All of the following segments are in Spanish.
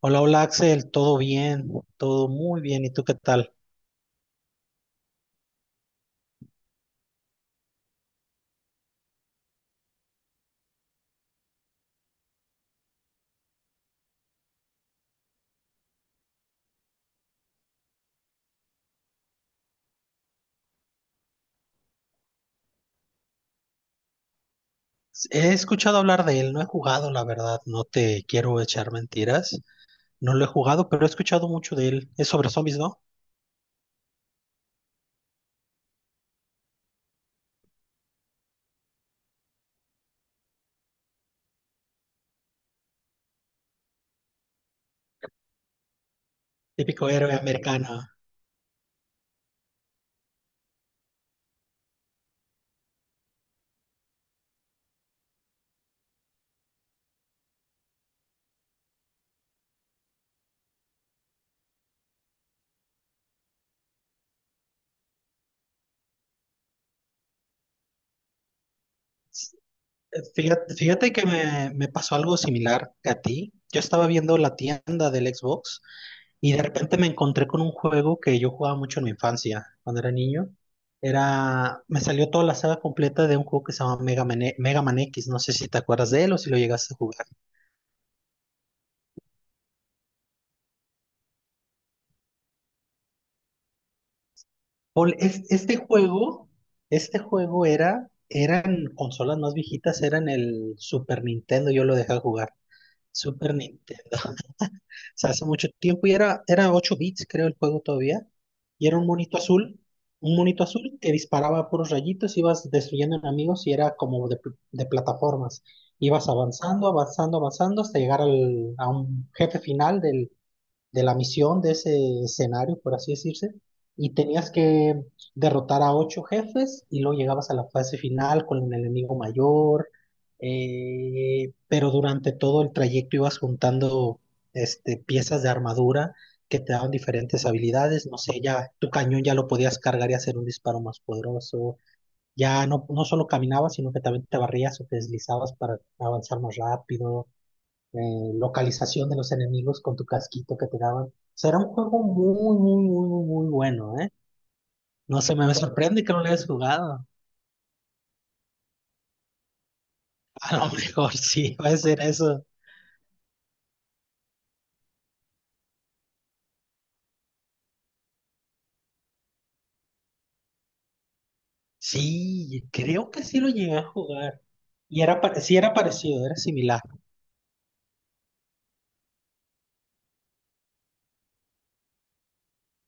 Hola, hola Axel, todo bien, todo muy bien. ¿Y tú qué tal? He escuchado hablar de él, no he jugado, la verdad, no te quiero echar mentiras. No lo he jugado, pero he escuchado mucho de él. Es sobre zombies, ¿no? Típico héroe americano. Fíjate que me pasó algo similar que a ti. Yo estaba viendo la tienda del Xbox y de repente me encontré con un juego que yo jugaba mucho en mi infancia, cuando era niño. Me salió toda la saga completa de un juego que se llama Mega Man, Mega Man X. No sé si te acuerdas de él o si lo llegaste a jugar. Paul, eran consolas más viejitas, eran el Super Nintendo, yo lo dejé jugar. Super Nintendo. Sea, hace mucho tiempo y era 8 bits, creo, el juego todavía. Y era un monito azul que disparaba puros rayitos, ibas destruyendo enemigos y era como de, de plataformas. Ibas avanzando, avanzando, avanzando hasta llegar a un jefe final de la misión, de ese escenario, por así decirse, y tenías que derrotar a ocho jefes y luego llegabas a la fase final con el enemigo mayor. Pero durante todo el trayecto ibas juntando este, piezas de armadura que te daban diferentes habilidades, no sé, ya tu cañón ya lo podías cargar y hacer un disparo más poderoso, ya no, no solo caminabas, sino que también te barrías o te deslizabas para avanzar más rápido. Localización de los enemigos con tu casquito que te daban. Será un juego muy, muy, muy, muy, muy bueno, ¿eh? No sé, me sorprende que no lo hayas jugado. A lo mejor sí, va a ser eso. Sí, creo que sí lo llegué a jugar. Y era, sí era parecido, era similar.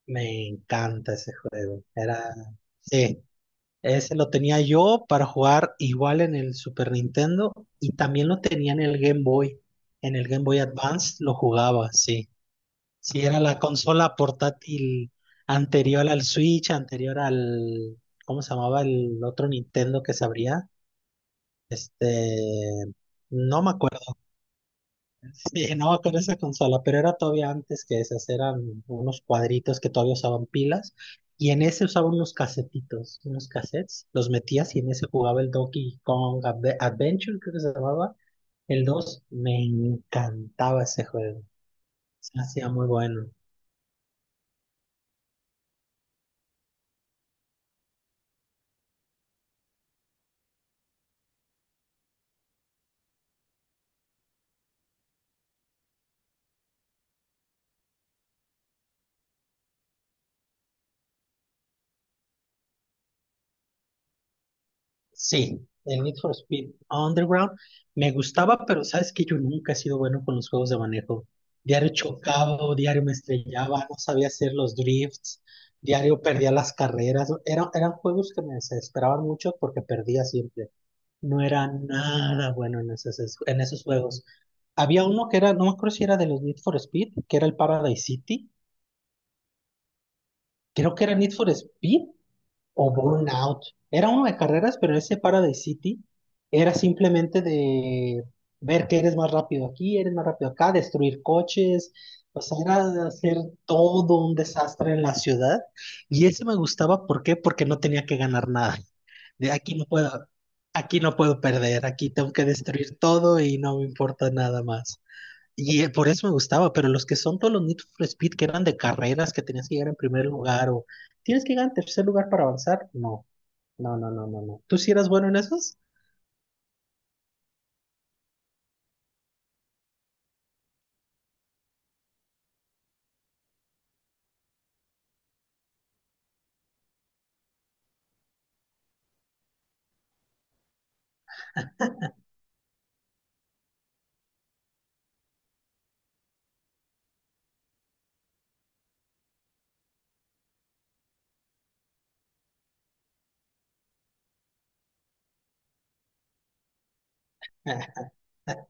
Me encanta ese juego. Sí, ese lo tenía yo para jugar igual en el Super Nintendo y también lo tenía en el Game Boy. En el Game Boy Advance lo jugaba, sí. Sí, era la consola portátil anterior al Switch, ¿cómo se llamaba el otro Nintendo que se abría? Este, no me acuerdo. Sí, no me acuerdo esa consola, pero era todavía antes que esas, eran unos cuadritos que todavía usaban pilas. Y en ese usaban unos casetitos, unos cassettes, los metías y en ese jugaba el Donkey Kong Adventure, creo que se llamaba, el dos. Me encantaba ese juego, se me hacía muy bueno. Sí, el Need for Speed Underground me gustaba, pero sabes que yo nunca he sido bueno con los juegos de manejo. Diario chocaba, o diario me estrellaba, no sabía hacer los drifts, diario perdía las carreras. Eran juegos que me desesperaban mucho porque perdía siempre. No era nada bueno en esos juegos. Había uno que era, no me acuerdo si era de los Need for Speed, que era el Paradise City. Creo que era Need for Speed o Burnout. Era uno de carreras, pero ese Paradise City era simplemente de ver que eres más rápido aquí, eres más rápido acá, destruir coches, o sea, era hacer todo un desastre en la ciudad. Y ese me gustaba, ¿por qué? Porque no tenía que ganar nada. De aquí no puedo, Aquí no puedo perder, aquí tengo que destruir todo y no me importa nada más. Y por eso me gustaba, pero los que son todos los Need for Speed que eran de carreras, que tenías que llegar en primer lugar o tienes que llegar en tercer lugar para avanzar, no, no, no, no, no, no. ¿Tú sí eras bueno en esos?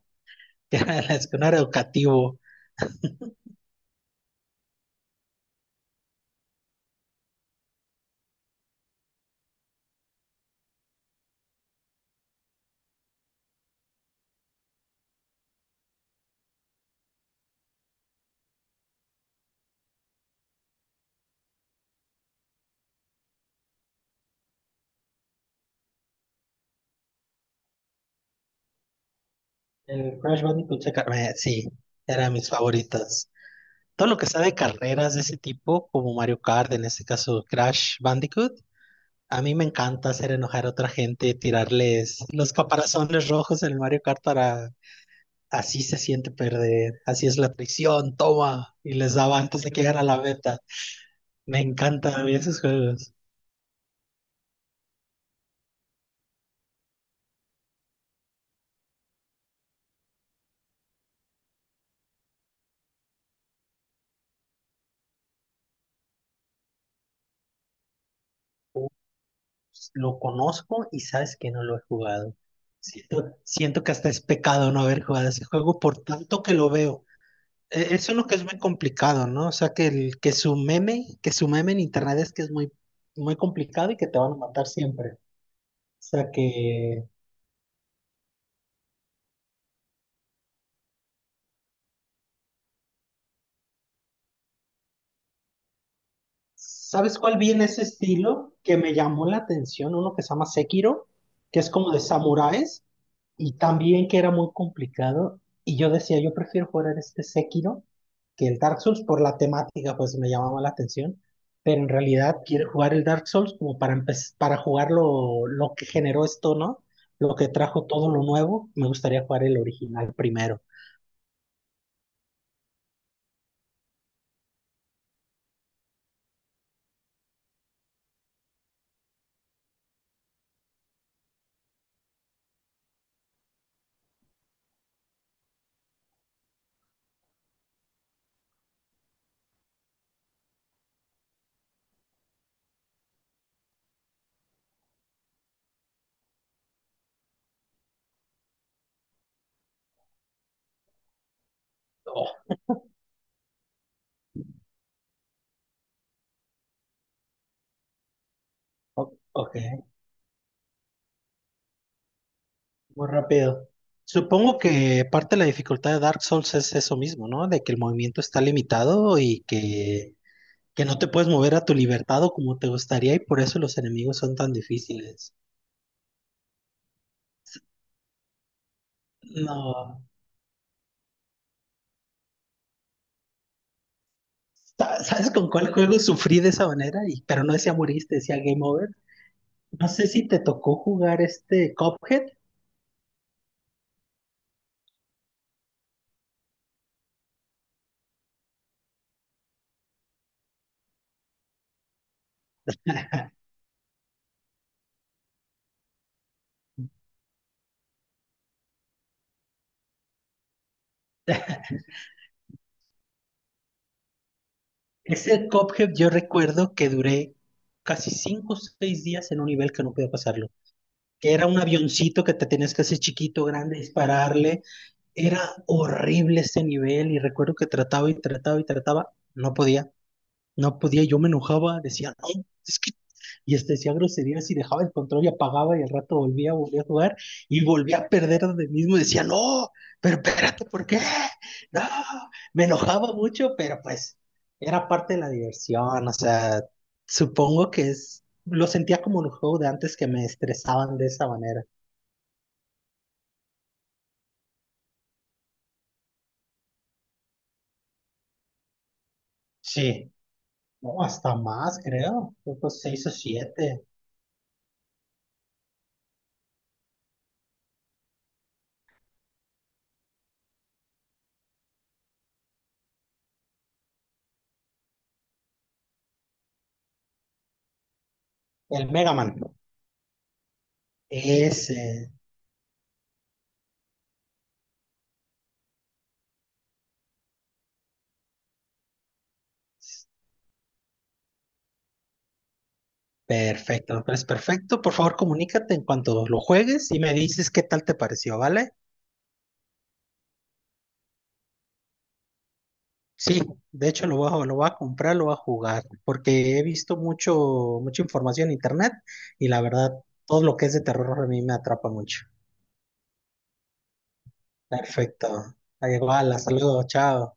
Ya, es que no era educativo. El Crash Bandicoot, sí, era de mis favoritas. Todo lo que sea de carreras de ese tipo, como Mario Kart, en este caso Crash Bandicoot, a mí me encanta hacer enojar a otra gente, tirarles los caparazones rojos en el Mario Kart para... Así se siente perder, así es la prisión, toma, y les daba antes de que llegara a la meta. Me encantan esos juegos. Ups, lo conozco y sabes que no lo he jugado. Siento que hasta es pecado no haber jugado ese juego por tanto que lo veo. Eso es lo que es muy complicado, ¿no? O sea, que, el, que su meme en internet es que es muy, muy complicado y que te van a matar siempre. O sea, que... ¿Sabes cuál vi en ese estilo que me llamó la atención? Uno que se llama Sekiro, que es como de samuráis y también que era muy complicado. Y yo decía, yo prefiero jugar este Sekiro que el Dark Souls por la temática, pues me llamaba la atención. Pero en realidad quiero jugar el Dark Souls como para para jugar lo que generó esto, ¿no? Lo que trajo todo lo nuevo. Me gustaría jugar el original primero. Oh, ok. Muy rápido. Supongo que parte de la dificultad de Dark Souls es eso mismo, ¿no? De que el movimiento está limitado y que no te puedes mover a tu libertad o como te gustaría y por eso los enemigos son tan difíciles. No. ¿Sabes con cuál juego sufrí de esa manera? Y, pero no decía moriste, decía Game Over. No sé si te tocó jugar este Cuphead. Ese Cuphead yo recuerdo que duré casi 5 o 6 días en un nivel que no podía pasarlo. Que era un avioncito que te tenías que hacer chiquito, grande, dispararle. Era horrible este nivel y recuerdo que trataba y trataba y trataba, no podía, no podía, yo me enojaba, decía, no, es que... Y este decía groserías y dejaba el control y apagaba y al rato volvía a jugar y volvía a perder de mismo y decía, no, pero espérate, ¿por qué? No, me enojaba mucho, pero pues era parte de la diversión, o sea, supongo que es, lo sentía como un juego de antes que me estresaban de esa manera. Sí, no, hasta más, creo. Creo que 6 o 7. El Mega Man. Ese. Perfecto, pues perfecto. Por favor, comunícate en cuanto lo juegues y me dices qué tal te pareció, ¿vale? Sí, de hecho lo voy a comprar, lo voy a jugar, porque he visto mucho, mucha información en internet y la verdad, todo lo que es de terror a mí me atrapa mucho. Perfecto. Ahí va, hasta luego, chao.